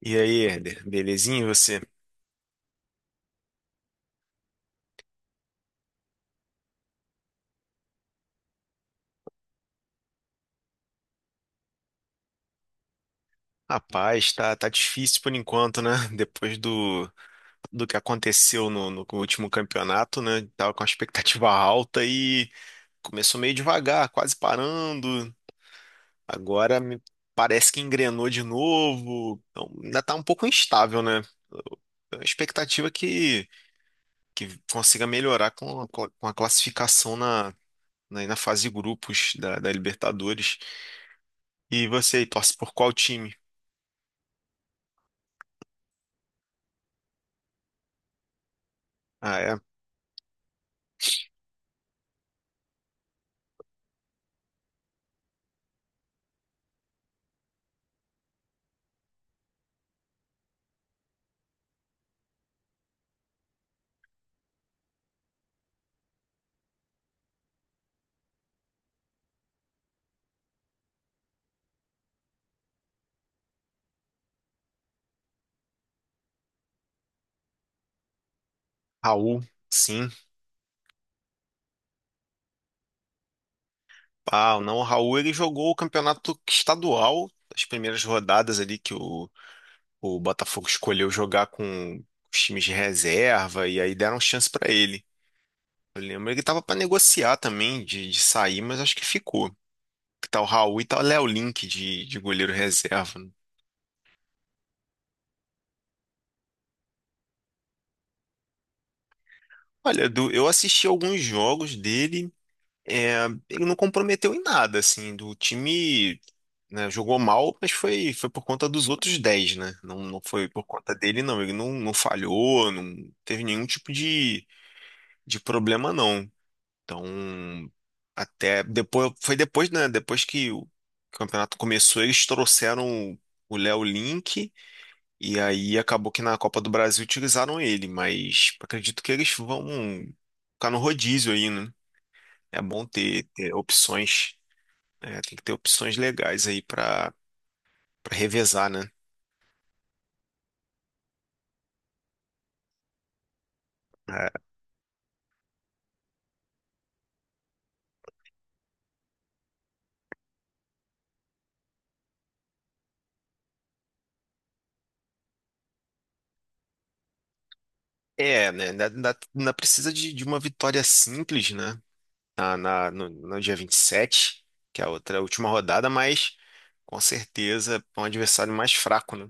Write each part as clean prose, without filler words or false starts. E aí, Herder, belezinha e você? Rapaz, tá difícil por enquanto, né? Depois do, do que aconteceu no último campeonato, né? Tava com a expectativa alta e começou meio devagar, quase parando. Agora me parece que engrenou de novo. Então, ainda tá um pouco instável, né? É uma expectativa que consiga melhorar com a, com a classificação na fase de grupos da Libertadores. E você aí, torce por qual time? Ah, é. Raul, sim. Ah, não, o Raul ele jogou o campeonato estadual, as primeiras rodadas ali que o Botafogo escolheu jogar com os times de reserva e aí deram chance pra ele. Eu lembro ele tava pra negociar também de sair, mas acho que ficou. Que tá o Raul e tá o Léo Link de goleiro reserva. Olha, Edu, eu assisti alguns jogos dele. É, ele não comprometeu em nada, assim, do time, né, jogou mal, mas foi por conta dos outros 10, né? Não, não foi por conta dele, não. Ele não falhou, não teve nenhum tipo de problema, não. Então, até depois, foi depois, né? Depois que o campeonato começou, eles trouxeram o Léo Link e aí acabou que na Copa do Brasil utilizaram ele, mas acredito que eles vão ficar no rodízio aí, né? É bom ter opções. É, tem que ter opções legais aí pra para revezar, né? É, é, né? Ainda precisa de uma vitória simples, né? Na, na, no, no dia 27, que é a outra a última rodada, mas com certeza é um adversário mais fraco, né?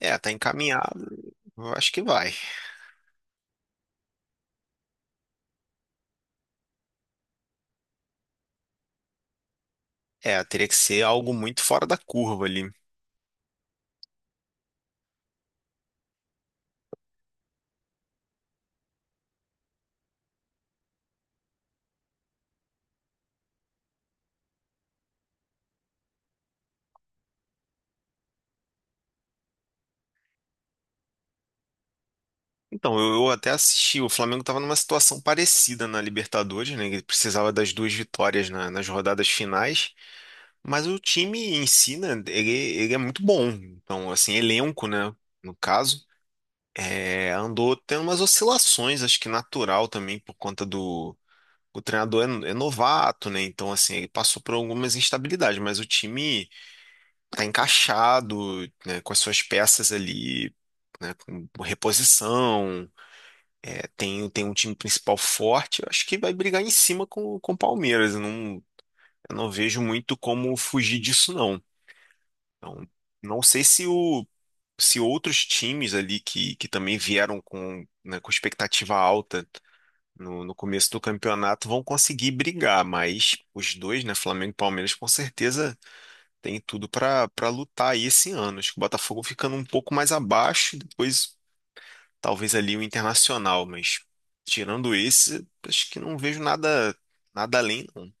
É, tá encaminhado, eu acho que vai. É, teria que ser algo muito fora da curva ali. Então, eu até assisti, o Flamengo estava numa situação parecida na Libertadores, né? Ele precisava das duas vitórias nas rodadas finais. Mas o time em si, né, ele é muito bom. Então, assim, elenco, né, no caso, é, andou tendo umas oscilações, acho que natural também, por conta do... O treinador é, é novato, né, então, assim, ele passou por algumas instabilidades, mas o time tá encaixado, né, com as suas peças ali, né, com reposição, é, tem, tem um time principal forte, eu acho que vai brigar em cima com o Palmeiras, eu não... Eu não vejo muito como fugir disso, não. Então, não sei se o se outros times ali que também vieram com, né, com expectativa alta no começo do campeonato vão conseguir brigar, mas os dois, né, Flamengo e Palmeiras, com certeza tem tudo para lutar aí esse ano. Acho que o Botafogo ficando um pouco mais abaixo, depois talvez ali o Internacional, mas tirando esse, acho que não vejo nada além, não.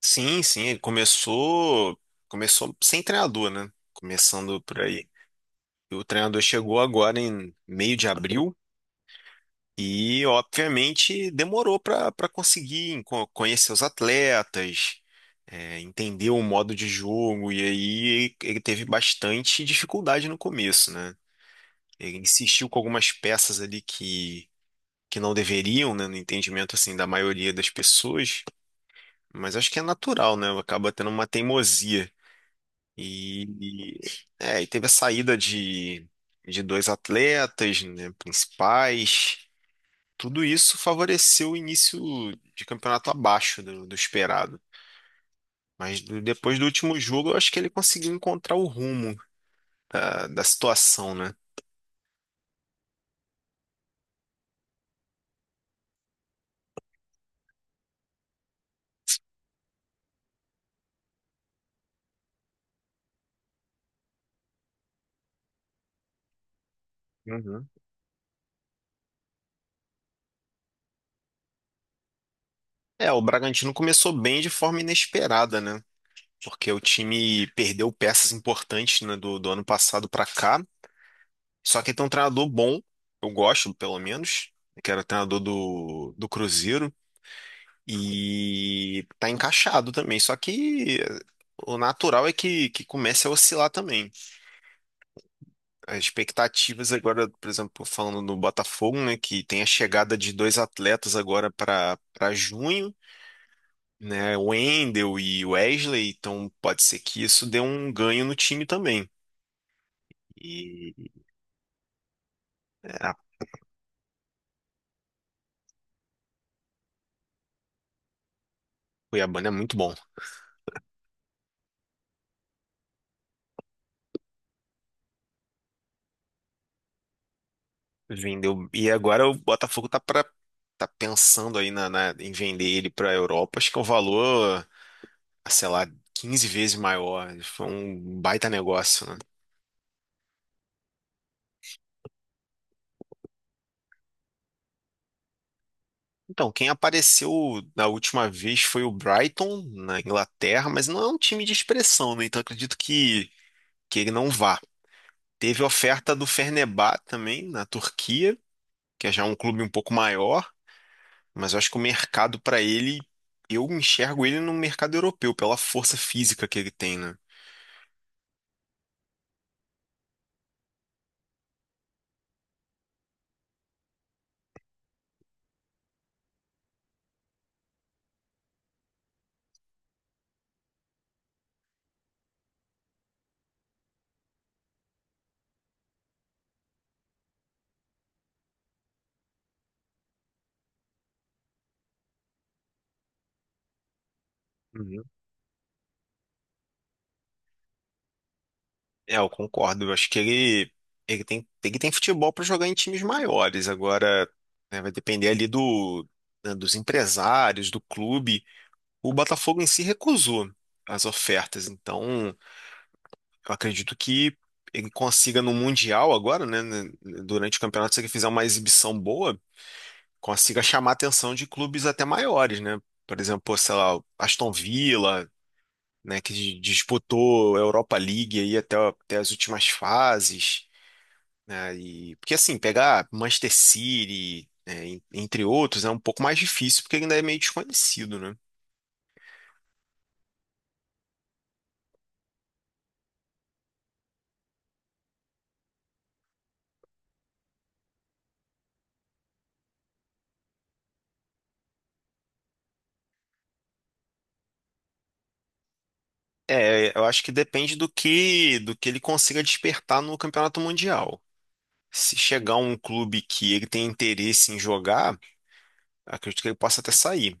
Sim, sim, ele começou sem treinador, né? Começando por aí. O treinador chegou agora em meio de abril e, obviamente, demorou para conseguir conhecer os atletas, é, entender o modo de jogo, e aí ele teve bastante dificuldade no começo, né? Ele insistiu com algumas peças ali que não deveriam, né, no entendimento assim da maioria das pessoas, mas acho que é natural, né? Acaba tendo uma teimosia. E, e- é, e teve a saída de dois atletas, né, principais. Tudo isso favoreceu o início de campeonato abaixo do, do esperado. Mas depois do último jogo, eu acho que ele conseguiu encontrar o rumo da situação, né? Uhum. É, o Bragantino começou bem de forma inesperada, né? Porque o time perdeu peças importantes, né, do ano passado para cá. Só que tem um treinador bom, eu gosto, pelo menos, que era o treinador do Cruzeiro, e tá encaixado também. Só que o natural é que comece a oscilar também. As expectativas agora, por exemplo, falando do Botafogo, né, que tem a chegada de dois atletas agora para junho, né, o Wendel e o Wesley, então pode ser que isso dê um ganho no time também. E né, a Cuiabana é muito bom. Vendeu. E agora o Botafogo tá pensando aí na, em vender ele para a Europa. Acho que é um valor, ah, sei lá, 15 vezes maior. Foi um baita negócio, né? Então, quem apareceu na última vez foi o Brighton, na Inglaterra, mas não é um time de expressão, né? Então acredito que ele não vá. Teve oferta do Fenerbahçe também, na Turquia, que é já um clube um pouco maior, mas eu acho que o mercado para ele, eu enxergo ele no mercado europeu, pela força física que ele tem, né? Uhum. É, eu concordo. Eu acho que ele, ele tem futebol para jogar em times maiores. Agora, né, vai depender ali do, né, dos empresários, do clube. O Botafogo em si recusou as ofertas, então eu acredito que ele consiga no Mundial agora, né, durante o campeonato, se ele fizer uma exibição boa, consiga chamar a atenção de clubes até maiores, né? Por exemplo, sei lá, o Aston Villa, né, que disputou a Europa League aí até as últimas fases, né? E, porque assim, pegar Manchester City, né, entre outros, é um pouco mais difícil porque ele ainda é meio desconhecido, né? É, eu acho que depende do que ele consiga despertar no Campeonato Mundial. Se chegar um clube que ele tem interesse em jogar, acredito que ele possa até sair.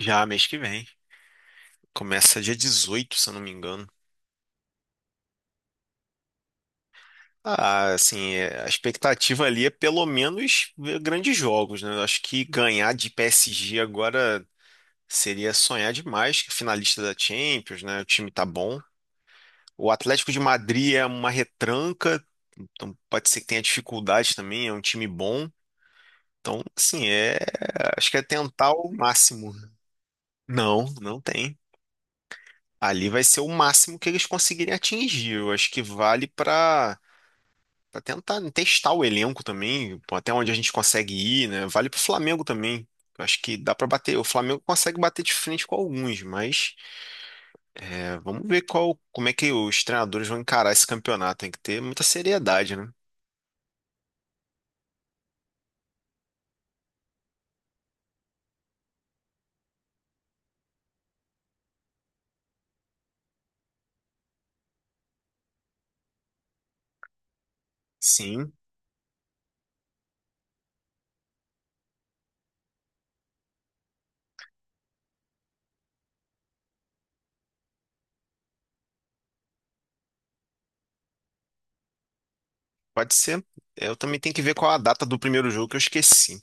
Já mês que vem. Começa dia 18, se eu não me engano. Ah, assim, é, a expectativa ali é pelo menos ver grandes jogos, né? Eu acho que ganhar de PSG agora seria sonhar demais, que finalista da Champions, né? O time tá bom. O Atlético de Madrid é uma retranca, então pode ser que tenha dificuldade também, é um time bom. Então, assim, é, acho que é tentar o máximo. Não, não tem. Ali vai ser o máximo que eles conseguirem atingir. Eu acho que vale para tentar testar o elenco também, pô, até onde a gente consegue ir, né? Vale para o Flamengo também. Eu acho que dá para bater. O Flamengo consegue bater de frente com alguns, mas é, vamos ver qual, como é que os treinadores vão encarar esse campeonato. Tem que ter muita seriedade, né? Sim. Pode ser. Eu também tenho que ver qual a data do primeiro jogo que eu esqueci.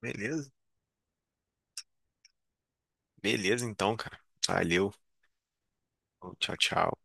Beleza? Beleza, então, cara. Valeu. Tchau, tchau.